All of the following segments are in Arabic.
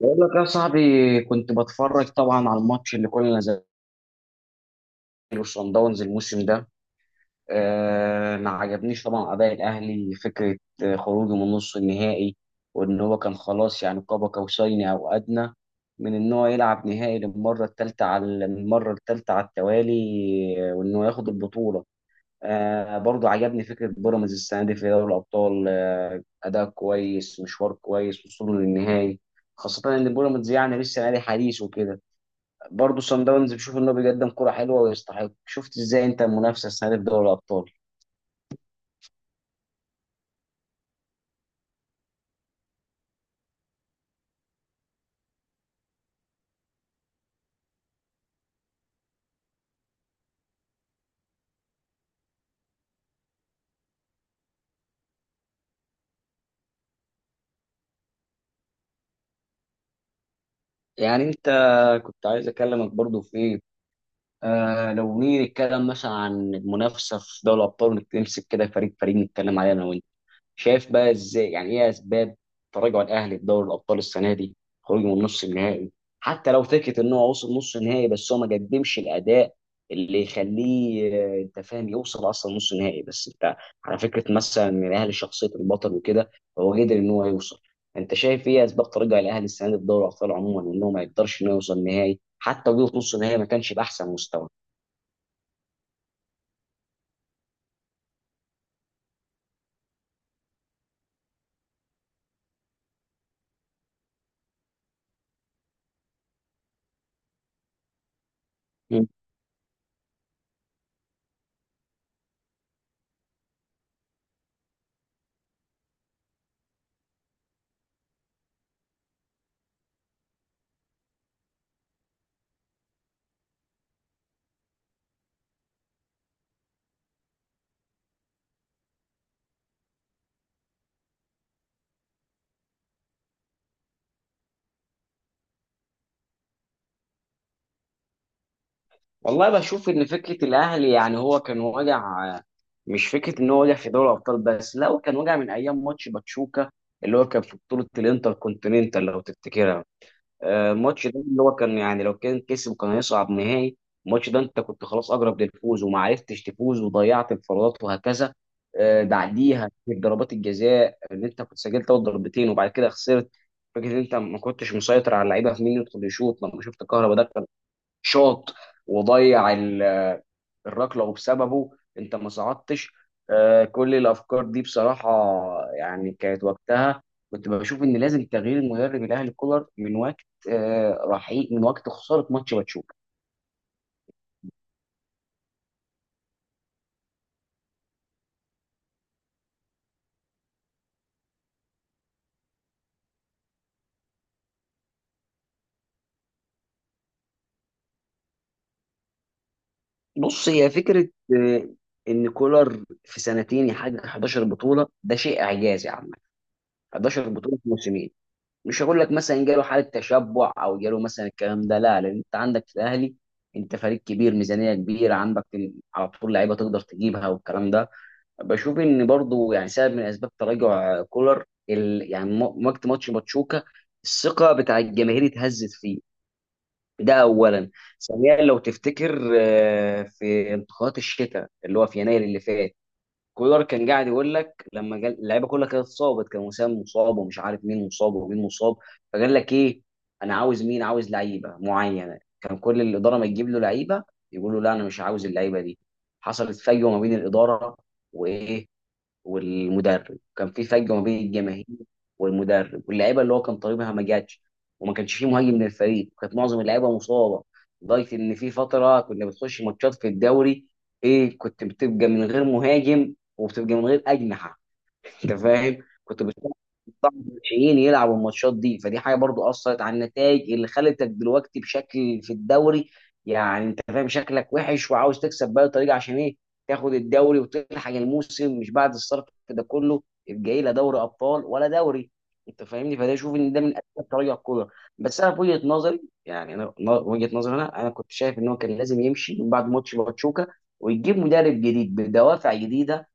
بقول لك يا صاحبي، كنت بتفرج طبعا على الماتش اللي كنا زي وصن داونز الموسم ده. ما عجبنيش طبعا اداء الاهلي فكره خروجه من نص النهائي، وان هو كان خلاص يعني قاب قوسين او ادنى من ان هو يلعب نهائي للمره الثالثه على المره الثالثه على التوالي. وان هو ياخد البطوله. آه برضو عجبني فكره بيراميدز السنه دي في دوري الابطال، آه اداء كويس، مشوار كويس، وصوله للنهائي، خاصه ان بيراميدز يعني لسه نادي حديث وكده. برضه صن داونز بشوف انه بيقدم كرة حلوة ويستحق. شفت ازاي انت المنافسة السنة دي في دوري الابطال؟ يعني انت كنت عايز اكلمك برضه في ايه، آه لو نيجي نتكلم مثلا عن المنافسة في دوري الابطال ونمسك كده فريق فريق نتكلم عليه انا وانت. شايف بقى ازاي يعني ايه اسباب تراجع الاهلي في دوري الابطال السنه دي؟ خروجه من نص النهائي، حتى لو فكره ان هو وصل نص النهائي بس هو ما قدمش الاداء اللي يخليه، انت فاهم، يوصل اصلا نص النهائي، بس انت على فكره مثلا ان الاهلي شخصيه البطل وكده، فهو قدر ان هو يوصل. انت شايف ايه اسباب تراجع الاهلي السنه دي في دوري الابطال عموما، وان هو ما يقدرش انه يوصل نهائي، حتى وجوده في نص النهائي ما كانش باحسن مستوى؟ والله بشوف ان فكره الاهلي يعني هو كان واجع، آه، مش فكره ان هو واجع في دوري الابطال بس، لا هو كان واجع من ايام ماتش باتشوكا اللي هو كان في بطوله الانتر كونتيننتال لو تفتكرها. الماتش ده اللي هو كان يعني لو كان كسب كان هيصعد نهائي. الماتش ده انت كنت خلاص اقرب للفوز وما عرفتش تفوز، وضيعت انفرادات وهكذا. بعديها في ضربات الجزاء ان انت كنت سجلت اول ضربتين وبعد كده خسرت. فكره ان انت ما كنتش مسيطر على اللعيبه في مين يدخل يشوط، لما شفت كهربا ده شاط وضيع الركله، وبسببه انت ما صعدتش. كل الافكار دي بصراحه يعني كانت وقتها، كنت بشوف ان لازم تغيير المدرب الاهلي كولر من وقت، رحيل من وقت خساره ماتش باتشوكا. بص، هي فكره آه، ان كولر في سنتين يحقق 11 بطوله، ده شيء اعجازي عامه. 11 بطوله في موسمين. مش هقول لك مثلا جاله حاله تشبع او جاله مثلا الكلام ده، لا، لان انت عندك في الاهلي، انت فريق كبير، ميزانيه كبيره عندك، على طول لعيبه تقدر تجيبها والكلام ده. بشوف ان برضو يعني سبب من اسباب تراجع كولر يعني وقت ماتش باتشوكا الثقه بتاع الجماهير اتهزت فيه، ده اولا. ثانيا لو تفتكر، في انتخابات الشتاء اللي هو في يناير اللي فات، كولر كان قاعد يقول لك لما قال اللعيبه كلها كانت اتصابت، كان وسام مصاب ومش عارف مين مصاب ومين مصاب، فقال لك ايه، انا عاوز، مين عاوز لعيبه معينه، كان كل الاداره ما تجيب له لعيبه يقول له لا انا مش عاوز اللعيبه دي. حصلت فجوه ما بين الاداره وايه والمدرب، كان في فجوه ما بين الجماهير والمدرب، واللعيبه اللي هو كان طالبها ما جاتش، وما كانش فيه مهاجم من الفريق، وكانت معظم اللعيبه مصابه، لدرجه ان في فتره كنا بتخش ماتشات في الدوري، ايه، كنت بتبقى من غير مهاجم وبتبقى من غير اجنحه. انت فاهم كنت طبعا الناشئين يلعبوا الماتشات دي، فدي حاجه برضو اثرت على النتائج اللي خلتك دلوقتي بشكل في الدوري. يعني انت فاهم شكلك وحش وعاوز تكسب باي طريقه عشان ايه، تاخد الدوري وتلحق الموسم، مش بعد الصرف ده كله جاي لا دوري ابطال ولا دوري. انت فاهمني، فده شوف ان ده من اسباب تراجع الكوره. بس انا في وجهه نظري، يعني وجهه نظري انا كنت شايف ان هو كان لازم يمشي من بعد ماتش باتشوكا، ويجيب مدرب جديد بدوافع جديده،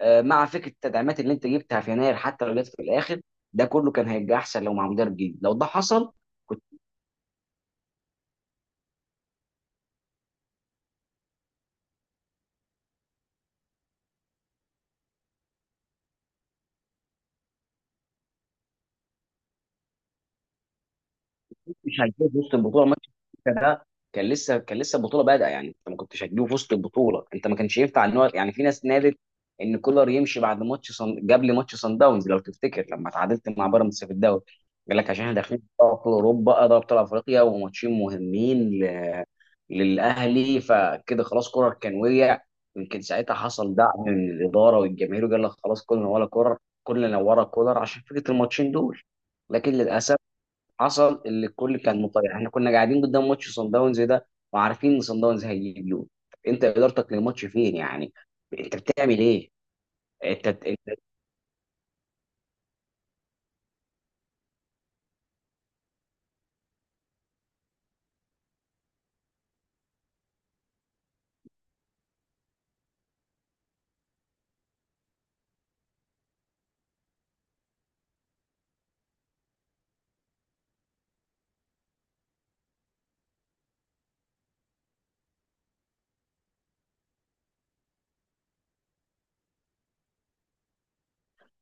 مع فكره التدعيمات اللي انت جبتها في يناير حتى لو جت في الاخر، ده كله كان هيبقى احسن لو مع مدرب جديد لو ده حصل. كنت مش هتجيب وسط البطوله ماتش. ده كان لسه البطوله بادئه، يعني انت ما كنتش هتجيبه في وسط البطوله، انت ما كانش ينفع ان هو، يعني في ناس نادت ان كولر يمشي بعد قبل ماتش صن داونز، لو تفتكر لما تعادلت مع بيراميدز في الدوري، قال لك عشان احنا داخلين في دوري ابطال اوروبا، دوري ابطال افريقيا وماتشين مهمين للاهلي، فكده خلاص كولر كان وقع. يمكن ساعتها حصل دعم من الاداره والجماهير وقال لك خلاص كلنا ورا كولر. كلنا ورا كولر عشان فكره الماتشين دول. لكن للاسف، حصل اللي الكل كان مطيع. احنا كنا قاعدين قدام ماتش صن داونز ده، وعارفين ان صن داونز هيجيب جول. طب انت ادارتك للماتش فين يعني؟ انت بتعمل ايه؟ انت،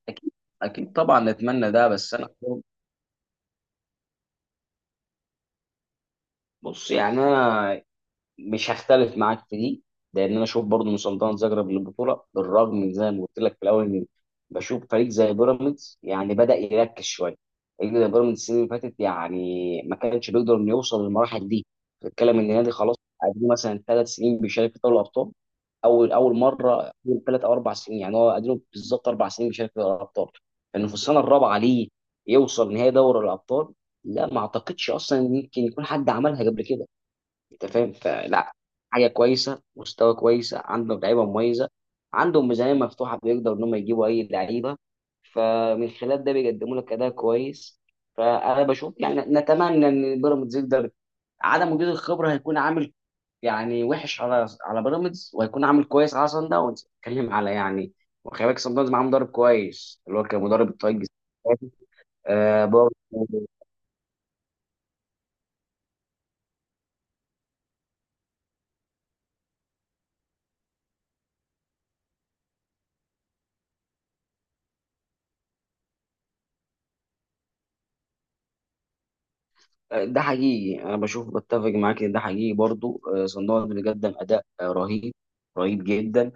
اكيد، اكيد طبعا نتمنى ده بس انا، بص يعني انا مش هختلف معاك في دي، لان انا اشوف برضه ان سلطنه زغرب للبطوله، بالرغم من زي ما قلت لك في الاول ان، بشوف فريق زي بيراميدز يعني بدا يركز شويه. فريق زي بيراميدز السنه اللي فاتت يعني ما كانش بيقدر انه يوصل للمراحل دي. بتتكلم ان النادي خلاص قديم، مثلا ثلاث سنين بيشارك في دوري الابطال، اول مره من ثلاث او اربع سنين، يعني هو قديم بالظبط اربع سنين بيشارك في دوري الابطال، انه في السنه الرابعه ليه يوصل نهائي دوري الابطال. لا ما اعتقدش اصلا إن يمكن يكون حد عملها قبل كده. انت فاهم، فلا، حاجه كويسه، مستوى كويس، عندهم لعيبه مميزه، عندهم ميزانيه مفتوحه بيقدروا ان هم يجيبوا اي لعيبه، فمن خلال ده بيقدموا لك اداء كويس. فانا بشوف يعني نتمنى ان بيراميدز يقدر. عدم وجود الخبره هيكون عامل يعني وحش على بيراميدز، وهيكون عامل كويس على سان داونز. اتكلم على يعني، وخلي بالك سان داونز معاه مدرب كويس اللي هو كان مدرب الطاقه. آه برضه ده حقيقي، انا بشوف، بتفق معاك ان ده حقيقي برضو. صندوق اللي قدم اداء رهيب، رهيب جدا.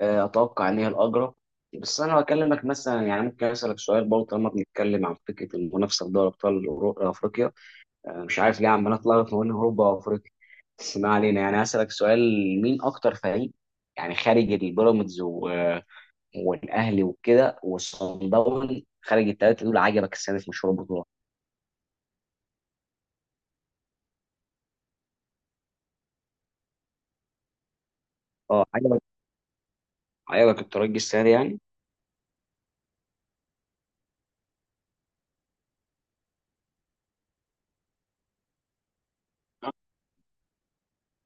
اتوقع ان هي الاجرى. بس انا بكلمك مثلا، يعني ممكن اسالك سؤال برضه، طالما بنتكلم عن فكره المنافسه في دوري ابطال افريقيا، مش عارف ليه عمال اتلخبط ما بين اوروبا وافريقيا، بس ما علينا. يعني اسالك سؤال، مين اكتر فريق يعني خارج البيراميدز والاهلي وكده والصن داونز، خارج الثلاثه دول عجبك السنه في مشوار البطوله؟ اه عجبك، عجبك الترجي السنه دي يعني؟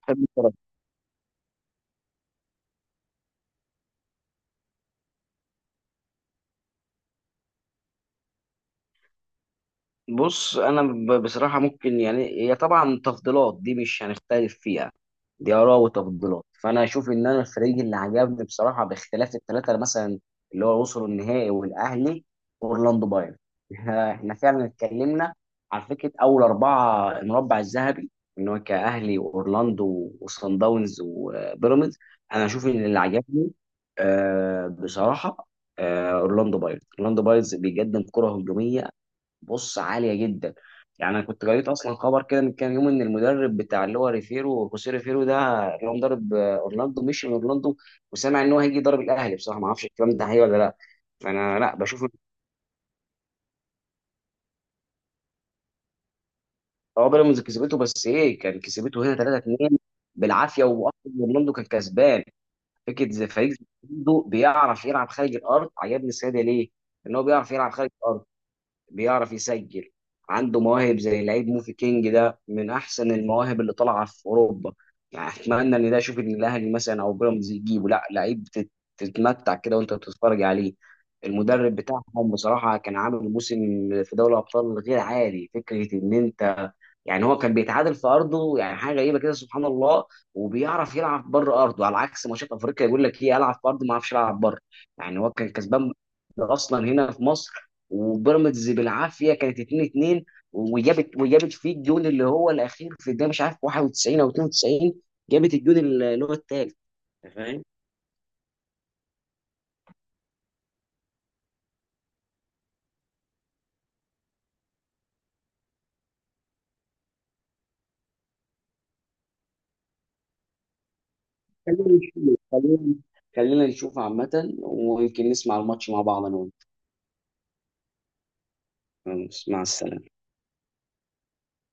بحب الفراخ. بص انا بصراحه، ممكن يعني هي طبعا تفضيلات دي مش هنختلف فيها، دي اراء وتفضيلات. فانا اشوف ان انا الفريق اللي عجبني بصراحه باختلاف الثلاثه، مثلا اللي هو وصلوا النهائي والاهلي، اورلاندو بايرن. احنا فعلا اتكلمنا على فكره اول اربعه المربع الذهبي ان هو كاهلي واورلاندو وصن داونز وبيراميدز. انا اشوف ان اللي عجبني، بصراحه اورلاندو بايرز. اورلاندو بايرز بيقدم كره هجوميه، بص، عاليه جدا. يعني انا كنت قريت اصلا خبر كده من كام يوم، ان المدرب بتاع اللي هو ريفيرو، خوسيه ريفيرو ده، اللي هو مدرب اورلاندو، مشي من اورلاندو، وسامع ان هو هيجي يضرب الاهلي. بصراحه ما اعرفش الكلام ده حقيقي ولا لا، فانا لا بشوف إن، هو بيراميدز كسبته بس ايه، كان كسبته هنا 3-2 بالعافيه، واصلا اورلاندو كان كسبان. فكره زي فريق زي اورلاندو بيعرف يلعب خارج الارض. عجبني السيده ليه؟ ان هو بيعرف يلعب خارج الارض، بيعرف يسجل، عنده مواهب زي لعيب موفي كينج، ده من احسن المواهب اللي طالعه في اوروبا. يعني اتمنى ان ده، اشوف ان الاهلي مثلا او بيراميدز يجيبه، لا لعيب تتمتع كده وانت بتتفرج عليه. المدرب بتاعهم بصراحه كان عامل موسم في دوري الابطال غير عادي. فكره ان انت يعني هو كان بيتعادل في ارضه يعني حاجه غريبه كده سبحان الله، وبيعرف يلعب بره ارضه على عكس ماتشات افريقيا يقول لك ايه، العب في ارضي ما اعرفش العب بره. يعني هو كان كسبان اصلا هنا في مصر، وبيراميدز بالعافيه كانت 2-2، وجابت فيه الجون اللي هو الاخير في الدقيقه مش عارف 91 او 92، جابت الجون اللي هو الثالث. فاهم؟ خلينا نشوف خلينا خلينا نشوف عامه، ويمكن نسمع الماتش مع بعض انا وانت. مع السلامه.